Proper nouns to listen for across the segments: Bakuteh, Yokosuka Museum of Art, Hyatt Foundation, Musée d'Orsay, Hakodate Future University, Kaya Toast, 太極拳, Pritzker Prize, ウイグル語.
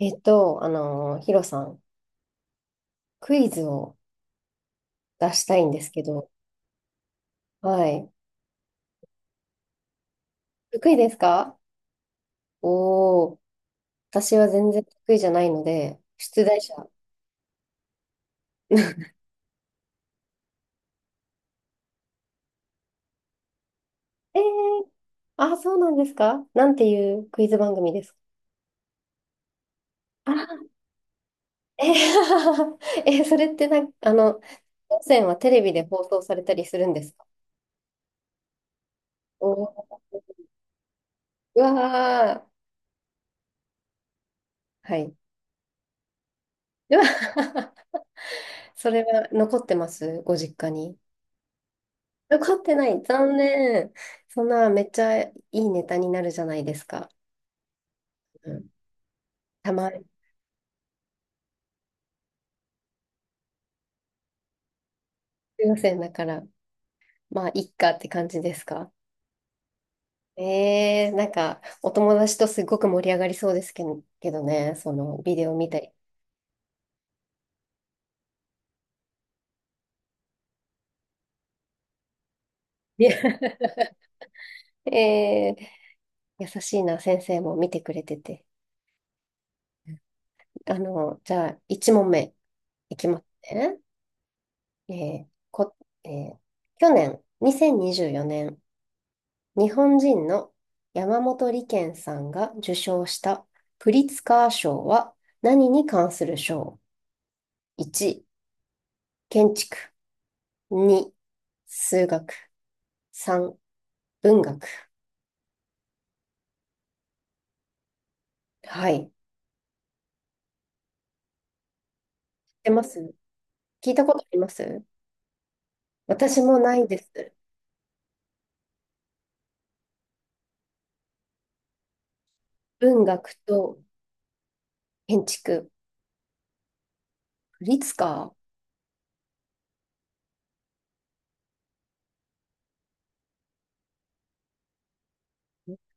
ヒロさん、クイズを出したいんですけど、はい。得意ですか？おー、私は全然得意じゃないので、出題者。えー、あ、そうなんですか？なんていうクイズ番組ですか？あ、えー、それってなんか、当選はテレビで放送されたりするんですか？おー、うわー、はい。うわ、 それは残ってますご実家に？残ってない。残念。そんな、めっちゃいいネタになるじゃないですか。うん、たまに、先選だから、まあ、いっかって感じですか？なんか、お友達とすごく盛り上がりそうですけど、けどね、その、ビデオ見たり。いや、えー、優しいな、先生も見てくれてて。じゃあ、1問目いきますね。えーこ、えー去年、2024年、日本人の山本理研さんが受賞したプリツカー賞は何に関する賞？ 1、建築。2、数学。3、文学。はい。知ってます？聞いたことあります？私もないです。文学と建築。プリツカー。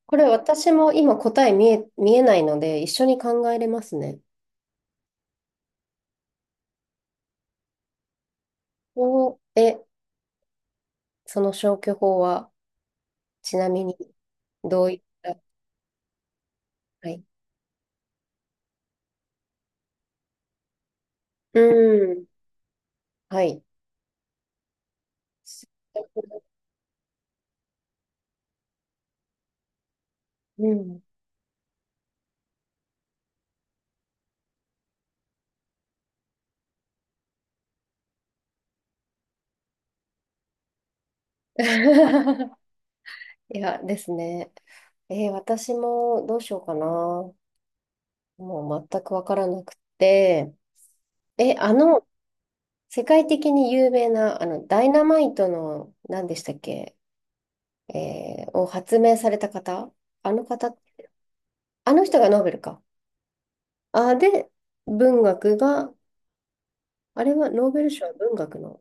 これ私も今答え見えないので一緒に考えれますね。お、え、その消去法はちなみにどういった？はい。うん。はい。うん。いや、ですね。私もどうしようかな。もう全くわからなくて。え、あの、世界的に有名な、ダイナマイトの、何でしたっけ？を発明された方、あの方、あの人がノーベルか。あ、で、文学が、あれはノーベル賞は文学の。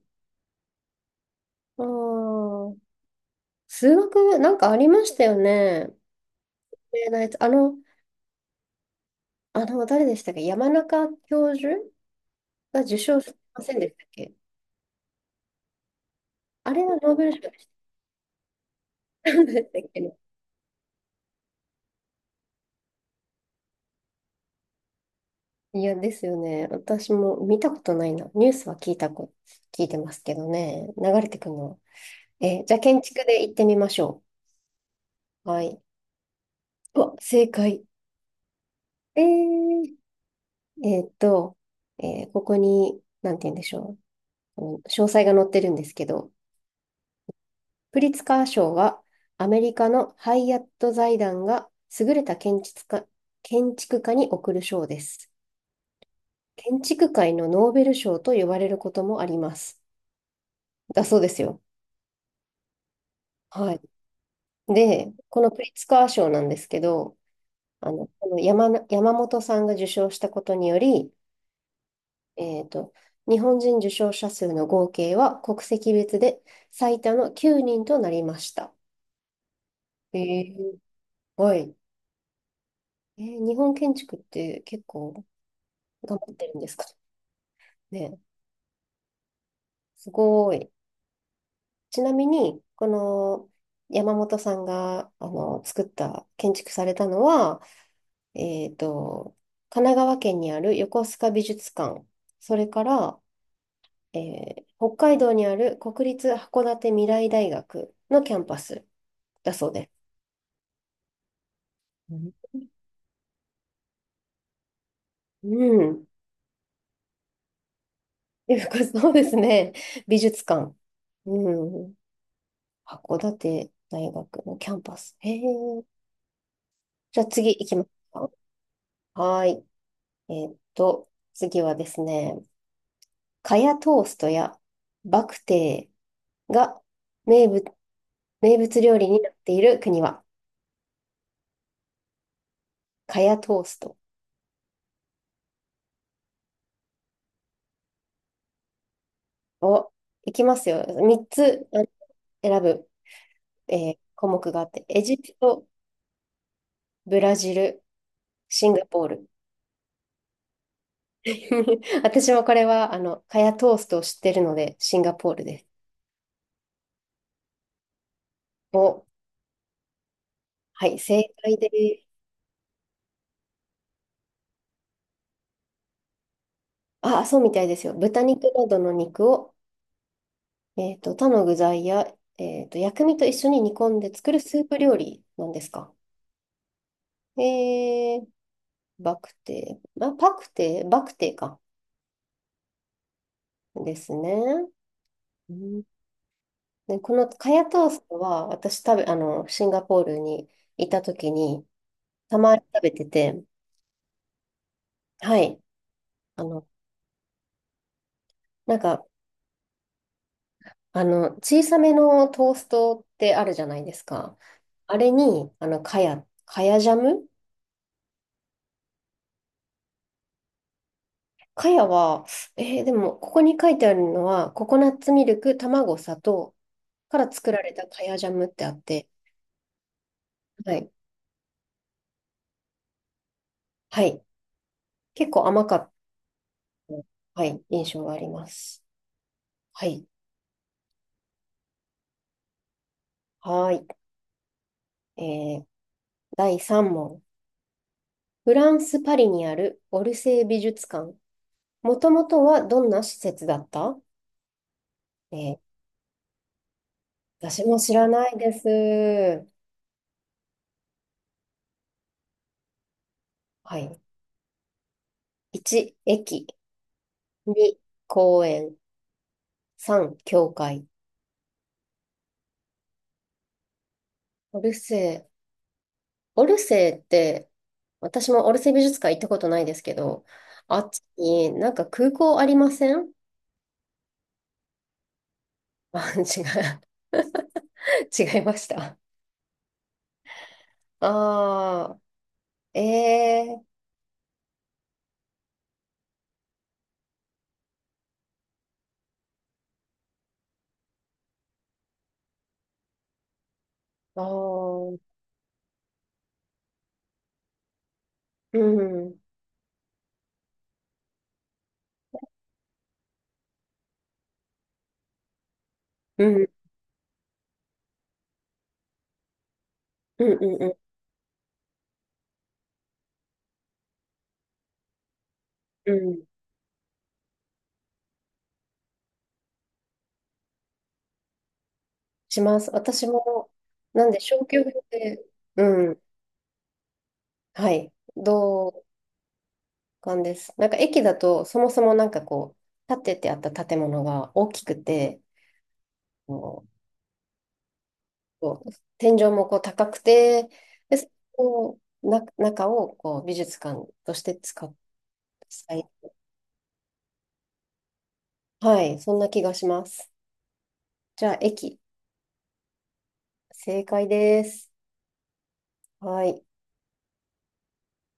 あー数学、なんかありましたよね。有名なやつ。誰でしたっけ山中教授が受賞してませんでしたっけ？あれはノーベル賞でしたんでしたっけね？いや、ですよね。私も見たことないな。ニュースは聞いてますけどね。流れてくるの。じゃあ建築で行ってみましょう。はい。うわ、正解。えー、えーっと、ここに、なんて言うんでしょう。この詳細が載ってるんですけど、プリツカー賞は、アメリカのハイアット財団が優れた建築家に贈る賞です。建築界のノーベル賞と呼ばれることもあります。だそうですよ。はい。で、このプリツカー賞なんですけど、この山本さんが受賞したことにより、えっと、日本人受賞者数の合計は国籍別で最多の9人となりました。えーはい。日本建築って結構頑張ってるんですかね。すごい。ちなみに、この山本さんが作った、建築されたのは、えっと、神奈川県にある横須賀美術館、それから、え北海道にある国立函館未来大学のキャンパスだそうです。うんうん。そうですね。美術館。うん。函館大学のキャンパス。へえ。じゃあ次行きますか？はーい。次はですね、カヤトーストやバクテーが名物、名物料理になっている国は？カヤトーストを、いきますよ。3つあ、選ぶ、項目があって、エジプト、ブラジル、シンガポール。私もこれは、カヤトーストを知ってるので、シンガポールです。を、はい、正解です。あ、そうみたいですよ。豚肉などの肉を他の具材や、薬味と一緒に煮込んで作るスープ料理なんですか？えー、バクテー、あ、パクテー、バクテーか。ですね。うん。で、このカヤトーストは、私食べ、あの、シンガポールにいた時に、たまに食べてて、はい。あの、なんか、小さめのトーストってあるじゃないですか。あれに、カヤジャム。かやは、でも、ここに書いてあるのは、ココナッツミルク、卵、砂糖から作られたかやジャムってあって、はい。はい。結構甘かった、はい、印象があります。はい。はーい。第3問。フランス・パリにあるオルセー美術館。もともとはどんな施設だった？えー私も知らないです。はい。1、駅。2、公園。3、教会。オルセーオルセーって、私もオルセー美術館行ったことないですけど、あっちになんか空港ありません？ あ、違う。違いました。ああ、ええ、ああー、うん、うん、うん、うん、うん、うん。します。私も、なんで、小休業で、うん、はい、同感です。なんか駅だと、そもそもなんかこう、建ててあった建物が大きくて、こう天井もこう高くて、で、そこをな、中をこう美術館として使って、はい、はいそんな気がします。じゃあ、駅、正解です。はい。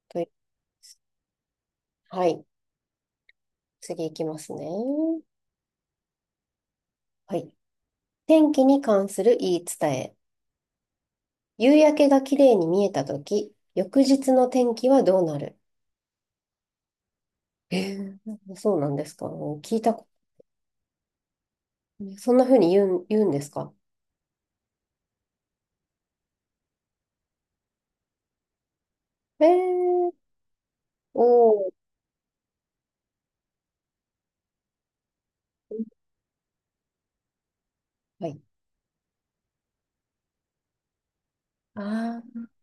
といはい。次いきますね。はい。天気に関する言い伝え。夕焼けが綺麗に見えたとき、翌日の天気はどうなる？そうなんですか？聞いたこと、そんな風に言うんですか？えー、おー、はい。ああ。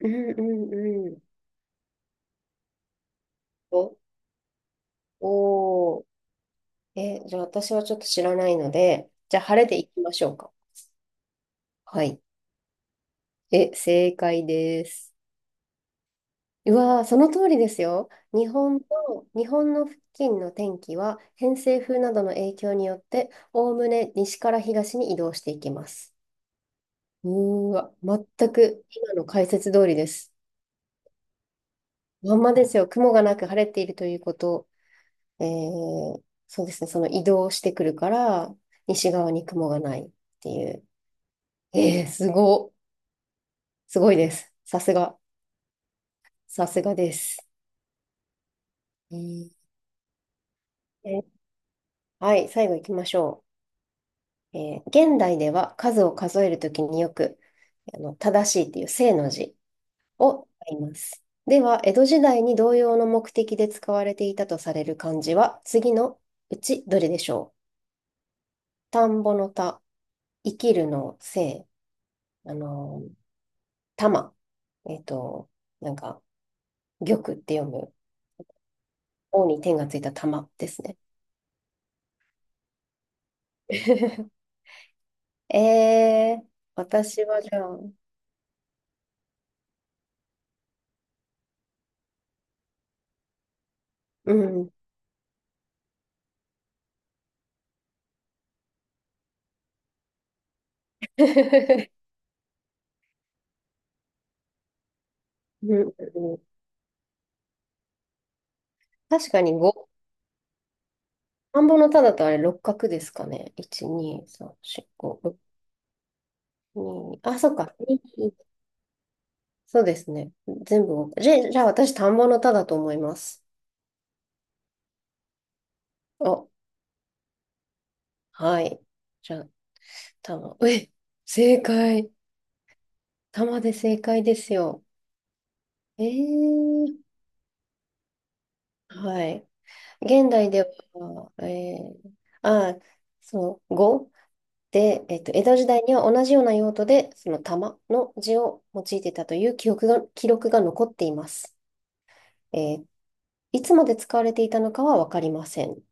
うんうんうん。お、おー。じゃあ私はちょっと知らないので、じゃあ晴れでいきましょうか。はい。正解です。うわー、その通りですよ。日本の付近の天気は偏西風などの影響によって、おおむね西から東に移動していきます。うーわ、全く今の解説通りです。まんまですよ。雲がなく晴れているということ。えー、そうですね、その移動してくるから、西側に雲がないっていう。えー、すご、すごいです。さすがです。えーえはい、最後行きましょう。現代では数を数えるときによく、正しいっていう正の字を使います。では、江戸時代に同様の目的で使われていたとされる漢字は、次のうちどれでしょう。田んぼの田、生きるの生、あの、玉。えっと、なんか、玉って読む。王に天がついた玉ですね。えー、私はじゃあ、うん。うんうんうん、確かに5。田んぼのただとあれ六角ですかね？1、2、3、4、5、6、2、あ、そっか。にそうですね。全部五じゃ、じゃあ私、田んぼのただと思います。お、はい。じゃあ、玉。正解。玉で正解ですよ。えー、はい。現代では、あ、その語で、えっと、江戸時代には同じような用途で、その玉の字を用いていたという記憶が、記録が残っています。えーいつまで使われていたのかはわかりません。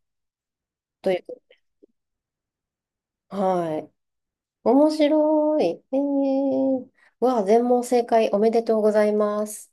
という、はい。面白い。わあ、全問正解おめでとうございます。